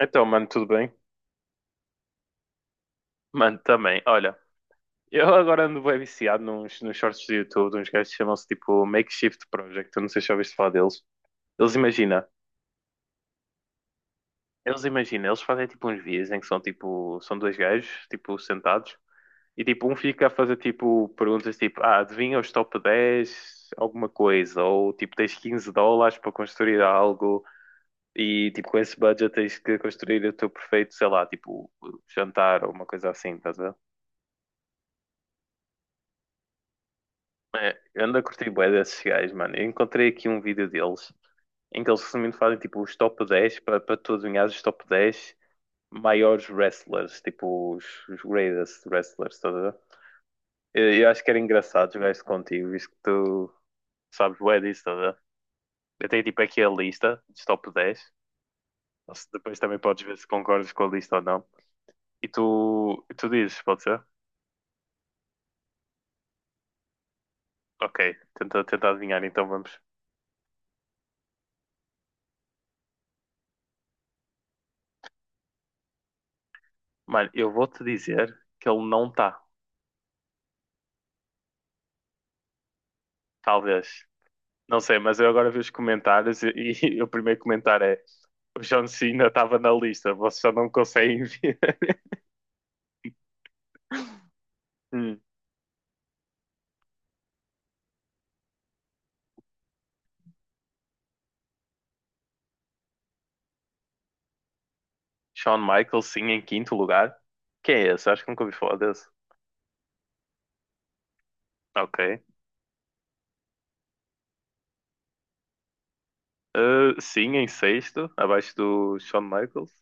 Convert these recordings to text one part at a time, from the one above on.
Então, mano, tudo bem? Mano, também. Olha, eu agora ando bem viciado nos shorts do YouTube, de uns gajos que chamam-se tipo Makeshift Project. Eu não sei se já ouviste falar deles. Eles imagina, eles fazem tipo uns vídeos em que são tipo, são dois gajos, tipo, sentados, e tipo, um fica a fazer tipo perguntas tipo, adivinha os top 10, alguma coisa, ou tipo, tens US$ 15 para construir algo, e tipo, com esse budget tens que construir o teu perfeito, sei lá, tipo, jantar ou uma coisa assim, tá? É, eu ando a curtir bué desses gajos, mano. Eu encontrei aqui um vídeo deles em que eles resumindo fazem tipo os top 10 para tu adivinhares os top 10 maiores wrestlers, tipo os greatest wrestlers, estás a ver? Eu acho que era engraçado jogar isso contigo, visto que tu sabes bué disso, estás a ver? Eu tenho tipo aqui a lista dos top 10. Se depois também podes ver se concordas com a lista ou não. E tu dizes, pode ser? Ok, tenta adivinhar, então vamos. Mano, eu vou-te dizer que ele não está. Talvez. Não sei, mas eu agora vi os comentários e o primeiro comentário é: o John Cena estava na lista, vocês só não conseguem ver. Hum. Shawn Michaels, sim, em quinto lugar. Quem é esse? Acho que nunca ouvi falar desse. Ok. Sim, em sexto, abaixo do Shawn Michaels.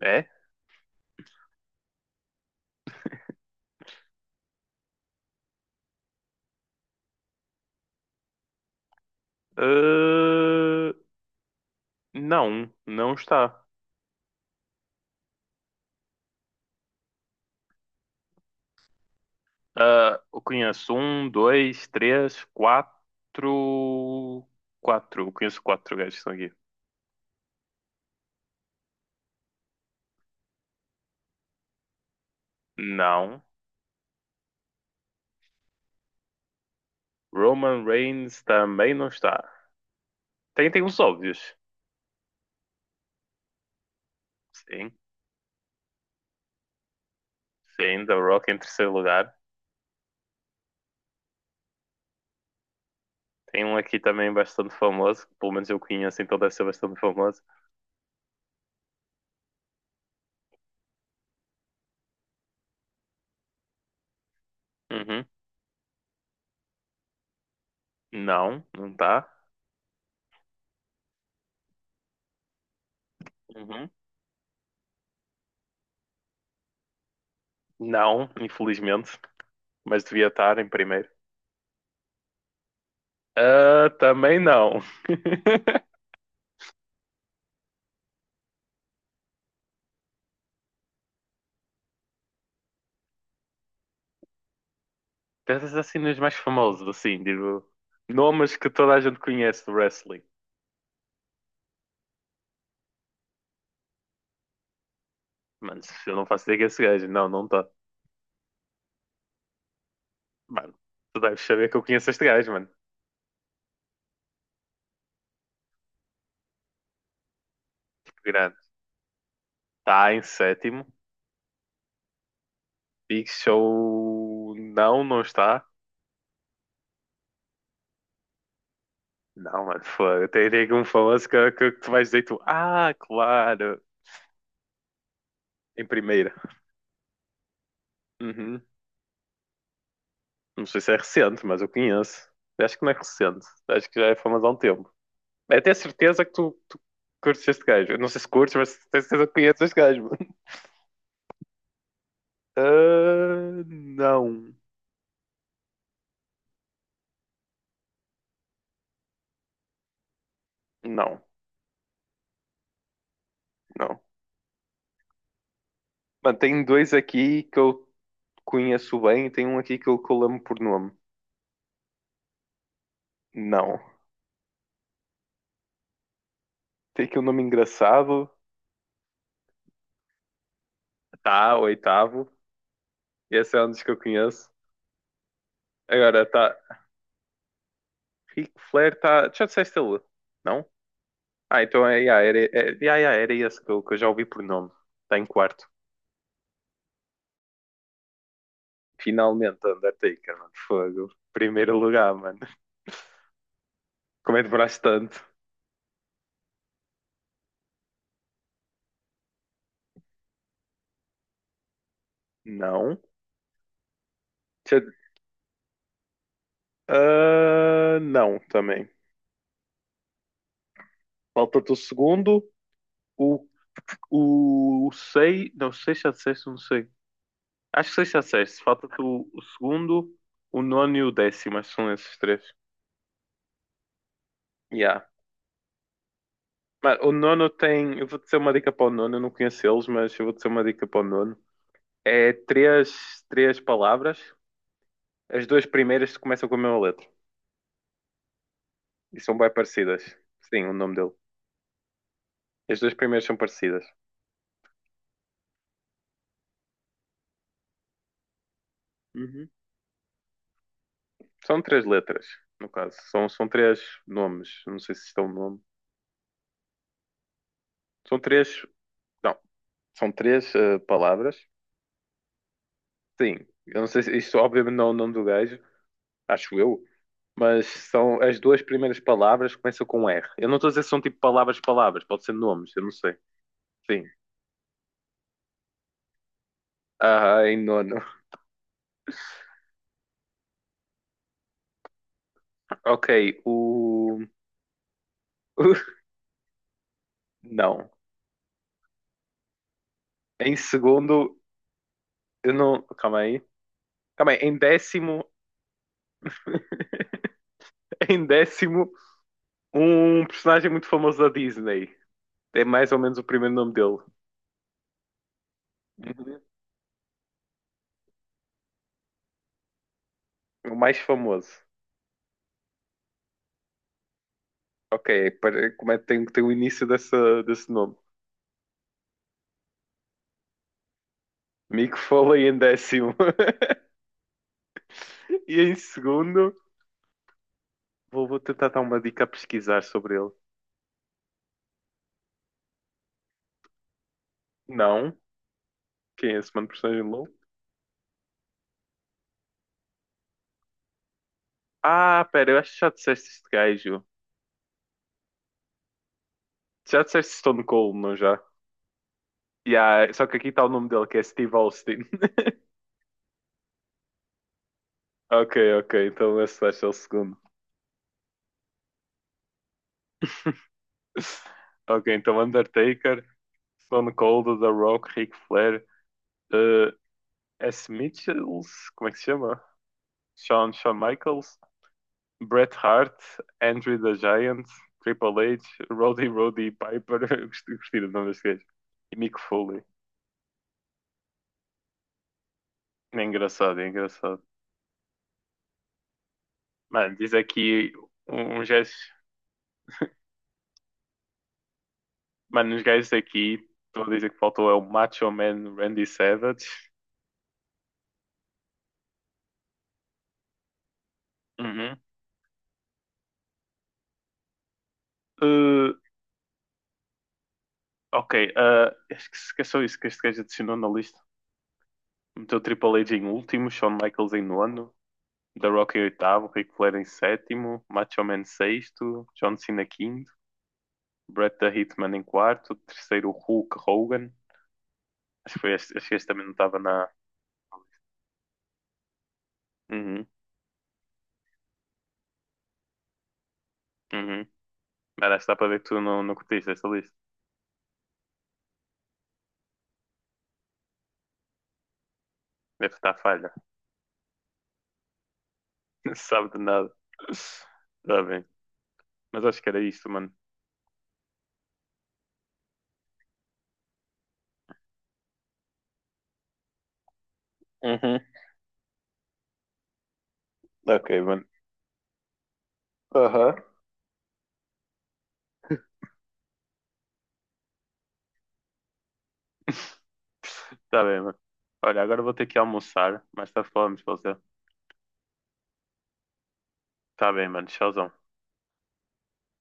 É? Uh, não, não está. Eu conheço um, dois, três, quatro. Quatro. Eu conheço quatro gajos que estão aqui. Não. Roman Reigns também não está. Tem os óbvios. Sim, sim, The Rock em terceiro lugar. Tem um aqui também bastante famoso, que pelo menos eu conheço, então deve ser bastante famoso. Uhum. Não, não está. Uhum. Não, infelizmente, mas devia estar em primeiro. Ah, também não. Pensas assim nos mais famosos, assim, digo, nomes que toda a gente conhece do wrestling. Mano, eu não faço ideia que é esse gajo. Não, não está. Mano, tu deves saber que eu conheço este gajo, mano. Grande. Está em sétimo. Pixel não, não está. Não, mano, foda. Tem aqui um famoso que tu vais dizer tu. Ah, claro. Em primeira. Uhum. Não sei se é recente, mas eu conheço. Acho que não é recente. Acho que já é famoso há um tempo. É até certeza que tu curtes este gajo. Eu não sei se curtes, mas tenho certeza que conheces este gajo, mano. Ah, não. Não, não. Mano, tem dois aqui que eu conheço bem e tem um aqui que eu lembro por nome. Não. Tem aqui um nome engraçado. Tá, oitavo. Esse é um dos que eu conheço. Agora tá. Ric Flair tá. Já disseste ele? Não? Ah, então yeah, era esse que eu já ouvi por nome. Tá em quarto. Finalmente, Undertaker, mano. Fogo. Primeiro lugar, mano. Como é que demoraste tanto? Não. Deixa- Ah, não, também. Falta-te o segundo. O, o sei. Não, sei se já disseste, não sei. Acho que sei se já disseste. Falta-te o segundo, o nono e o 10º. Acho que são esses três. Ya, mano, o nono tem. Eu vou dizer uma dica para o nono, eu não conheço eles, mas eu vou dizer uma dica para o nono. É três palavras. As duas primeiras começam com a mesma letra e são bem parecidas. Sim, o nome dele. As duas primeiras são parecidas. Uhum. São três letras, no caso. São três nomes. Não sei se estão no nome. São três. Não, são três palavras. Sim, eu não sei se isto, obviamente, não é o nome do gajo. Acho eu. Mas são as duas primeiras palavras começam com R. Eu não estou a dizer se são tipo palavras, palavras, pode ser nomes, eu não sei. Sim. Ah, em nono. Ok, o. Não. Em segundo, eu não. Calma aí. Calma aí. Em 10º, em 10º, um personagem muito famoso da Disney. É mais ou menos o primeiro nome dele. Uhum. O mais famoso. Ok, como é que tem, o início dessa, desse nome? Mick Foley em 10º. E em segundo. Vou tentar dar uma dica a pesquisar sobre ele. Não? Quem é esse mano personagem de LoL? Ah, pera, eu acho que já disseste este gajo. Já disseste Stone Cold, não já? Yeah, só que aqui está o nome dele, que é Steve Austin. Ok, ok, então esse vai ser o segundo. Ok, então Undertaker, Stone Cold, The Rock, Ric Flair, eh, S. Mitchells, como é que se chama? Shawn Michaels, Bret Hart, Andre the Giant, Triple H, Roddy Roddy Piper, gostei do nome deste gajo, e Mick Foley. É engraçado, é engraçado. Mano, diz aqui um gesto, mano, uns gajos aqui, estou a dizer que faltou é o Macho Man Randy Savage. Uhum. Uh, ok, acho que que é só isso que este gajo adicionou na lista. Meteu Triple H em último, Shawn Michaels em nono, The Rock em oitavo, Ric Flair em sétimo, Macho Man sexto, John Cena quinto. Bret the Hitman em quarto, terceiro Hulk Hogan. Acho que, foi este, acho que este também não estava na. Uhum, uhum. Mas acho que dá para ver que tu não, não curtiste essa lista. Deve estar falha. Não sabe de nada. Está bem. Mas acho que era isto, mano. Uhum. Ok, mano. Aham. Tá bem, mano. Olha, agora vou ter que almoçar. Mas tarde falamos, para você. Tá bem, mano. Tchauzão.